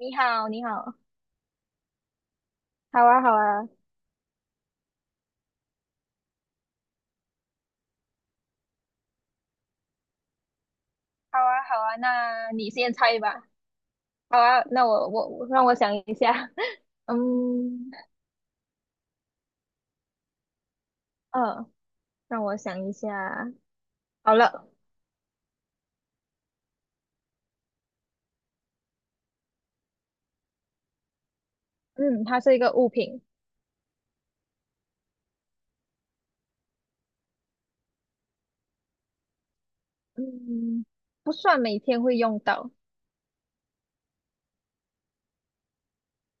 你好，你好，好啊，好啊，好啊，好啊，那你先猜吧。好啊，那我让我想一下，嗯，呃，让我想一下，好了，嗯，它是一个物品，嗯，不算每天会用到，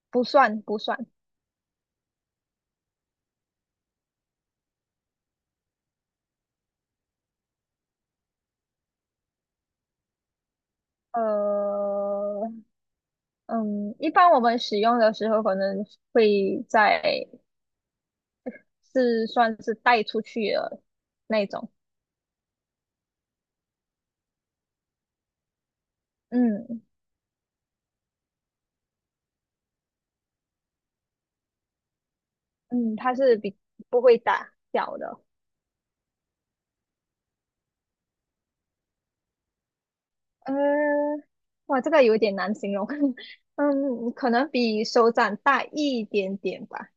不算不算，呃，嗯，一般我们使用的时候可能会在是算是带出去的那种，嗯嗯，它是比不会打小的。呃，哇，这个有点难形容，嗯，可能比手掌大一点点吧。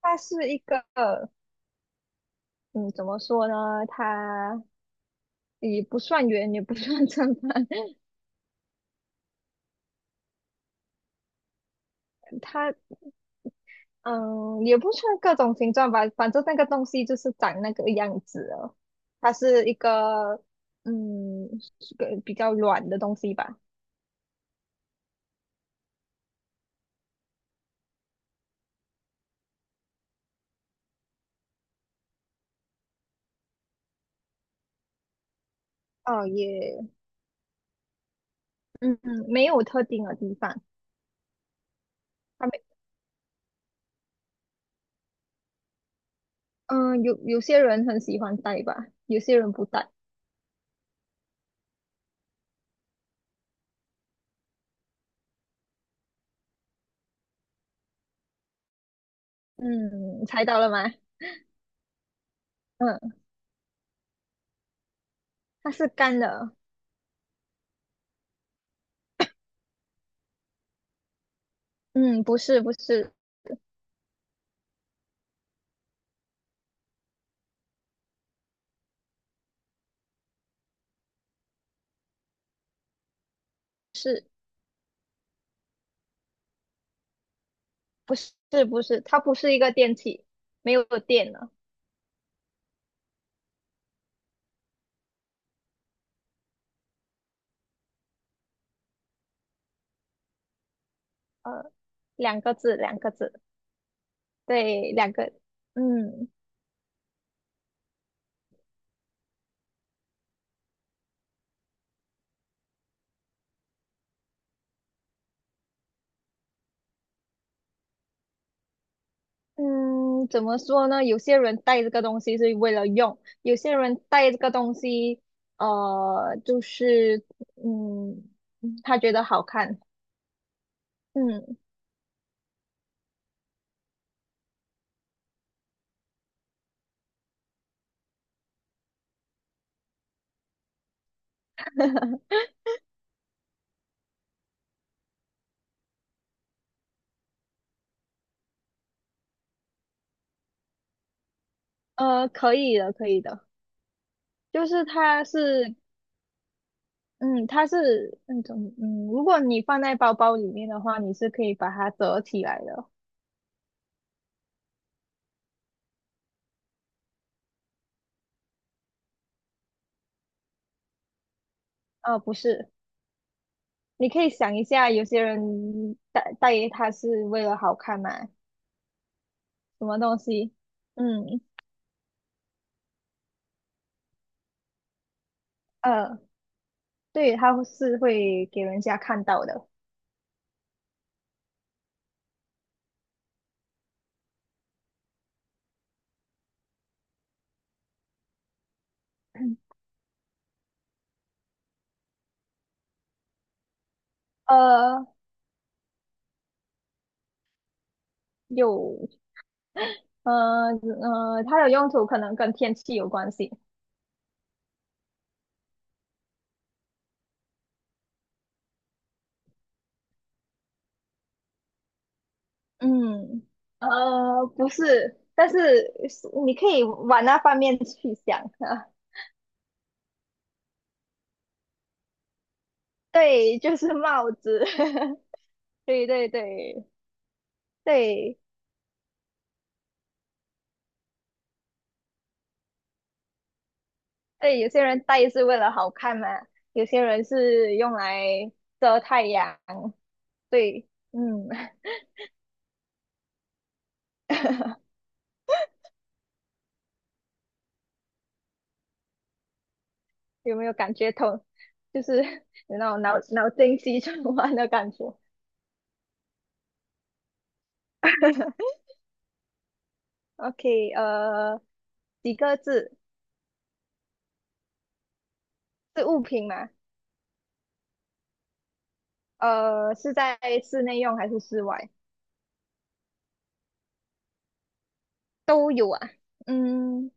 它是一个，嗯，怎么说呢？它也不算圆，也不算正方，它，嗯，也不算各种形状吧。反正那个东西就是长那个样子了。它是一个，嗯，是个比较软的东西吧。哦，也嗯，嗯，没有特定的地方，他们嗯，有有些人很喜欢戴吧，有些人不戴。嗯，猜到了吗？嗯，它是干的。嗯，不是，不是，不是，不是，它不是一个电器，没有电了。呃，两个字，两个字，对，两个。嗯，嗯，怎么说呢？有些人带这个东西是为了用，有些人带这个东西，就是嗯，他觉得好看，嗯，可以的，可以的，就是它是，嗯，它是那种，嗯，如果你放在包包里面的话，你是可以把它折起来的，呃，不是，你可以想一下，有些人带它是为了好看嘛，什么东西，嗯，呃。对，它是会给人家看到的。呃，有，它的用途可能跟天气有关系。嗯，呃，不是，但是是你可以往那方面去想啊。对，就是帽子。对对对对对，有些人戴是为了好看嘛，有些人是用来遮太阳。对，嗯。有没有感觉头，就是有那种脑筋急转弯的感觉？OK，几个字是物品吗？呃，是在室内用还是室外？都有啊。嗯，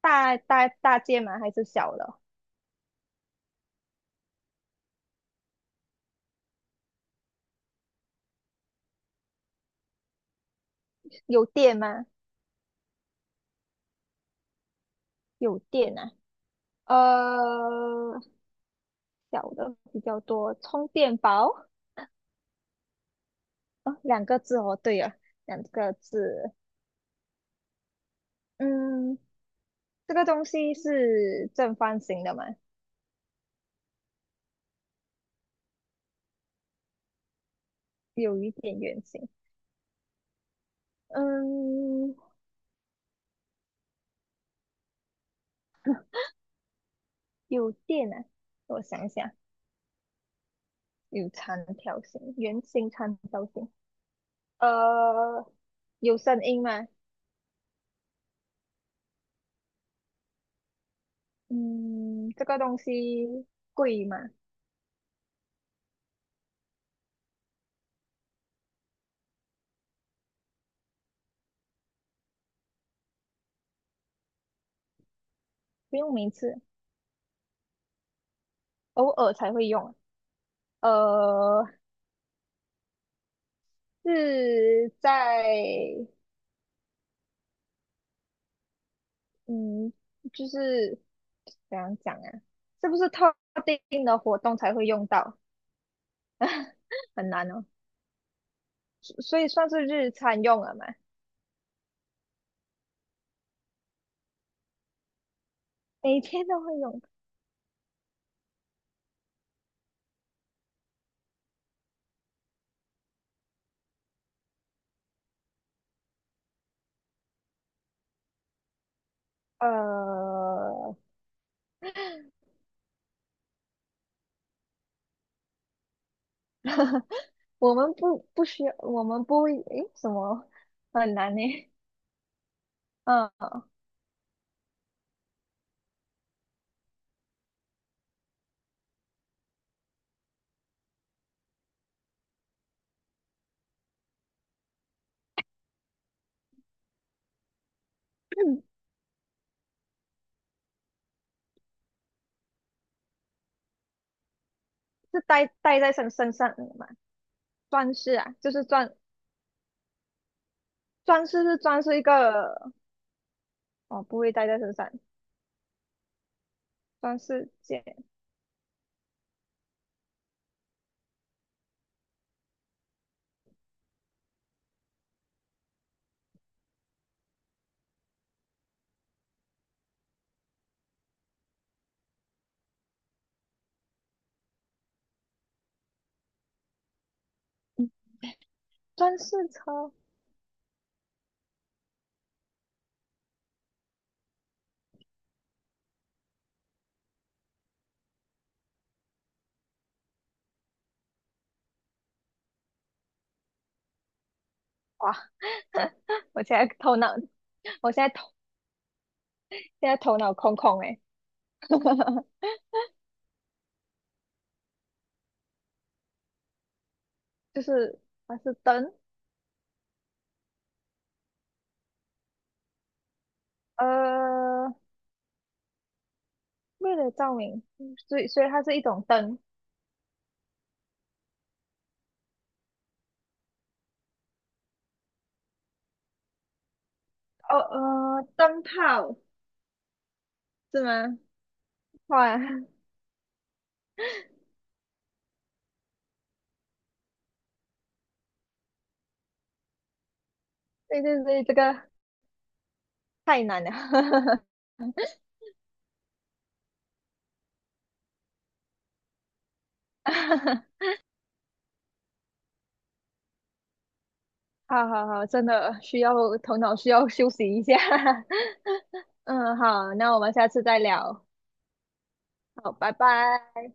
大件吗？还是小的？有电吗？有电啊。呃，小的比较多，充电宝。哦，两个字哦，对了，两个字。嗯，这个东西是正方形的吗？有一点圆形。嗯，有电啊，我想想，有长条形、圆形、长条形，呃，有声音吗？嗯，这个东西贵吗？不用每次，偶尔才会用。呃，是在嗯，就是怎样讲啊？是不是特定的活动才会用到？很难哦，所以算是日常用了嘛，每天都会用。呃，我们不需要，我们不会，诶，什么很难呢？嗯，是戴在身上的嘛？装饰啊，就是装装饰是装饰一个，哦，不会戴在身上，装饰件，装饰车，哇，我现在头脑，我现在头现在头脑空空诶，就是它是灯，呃，为了照明，所以所以它是一种灯，哦呃，灯泡是吗？哇。对对对，这个太难了，好好好，真的需要头脑需要休息一下。嗯，好，那我们下次再聊，好，拜拜。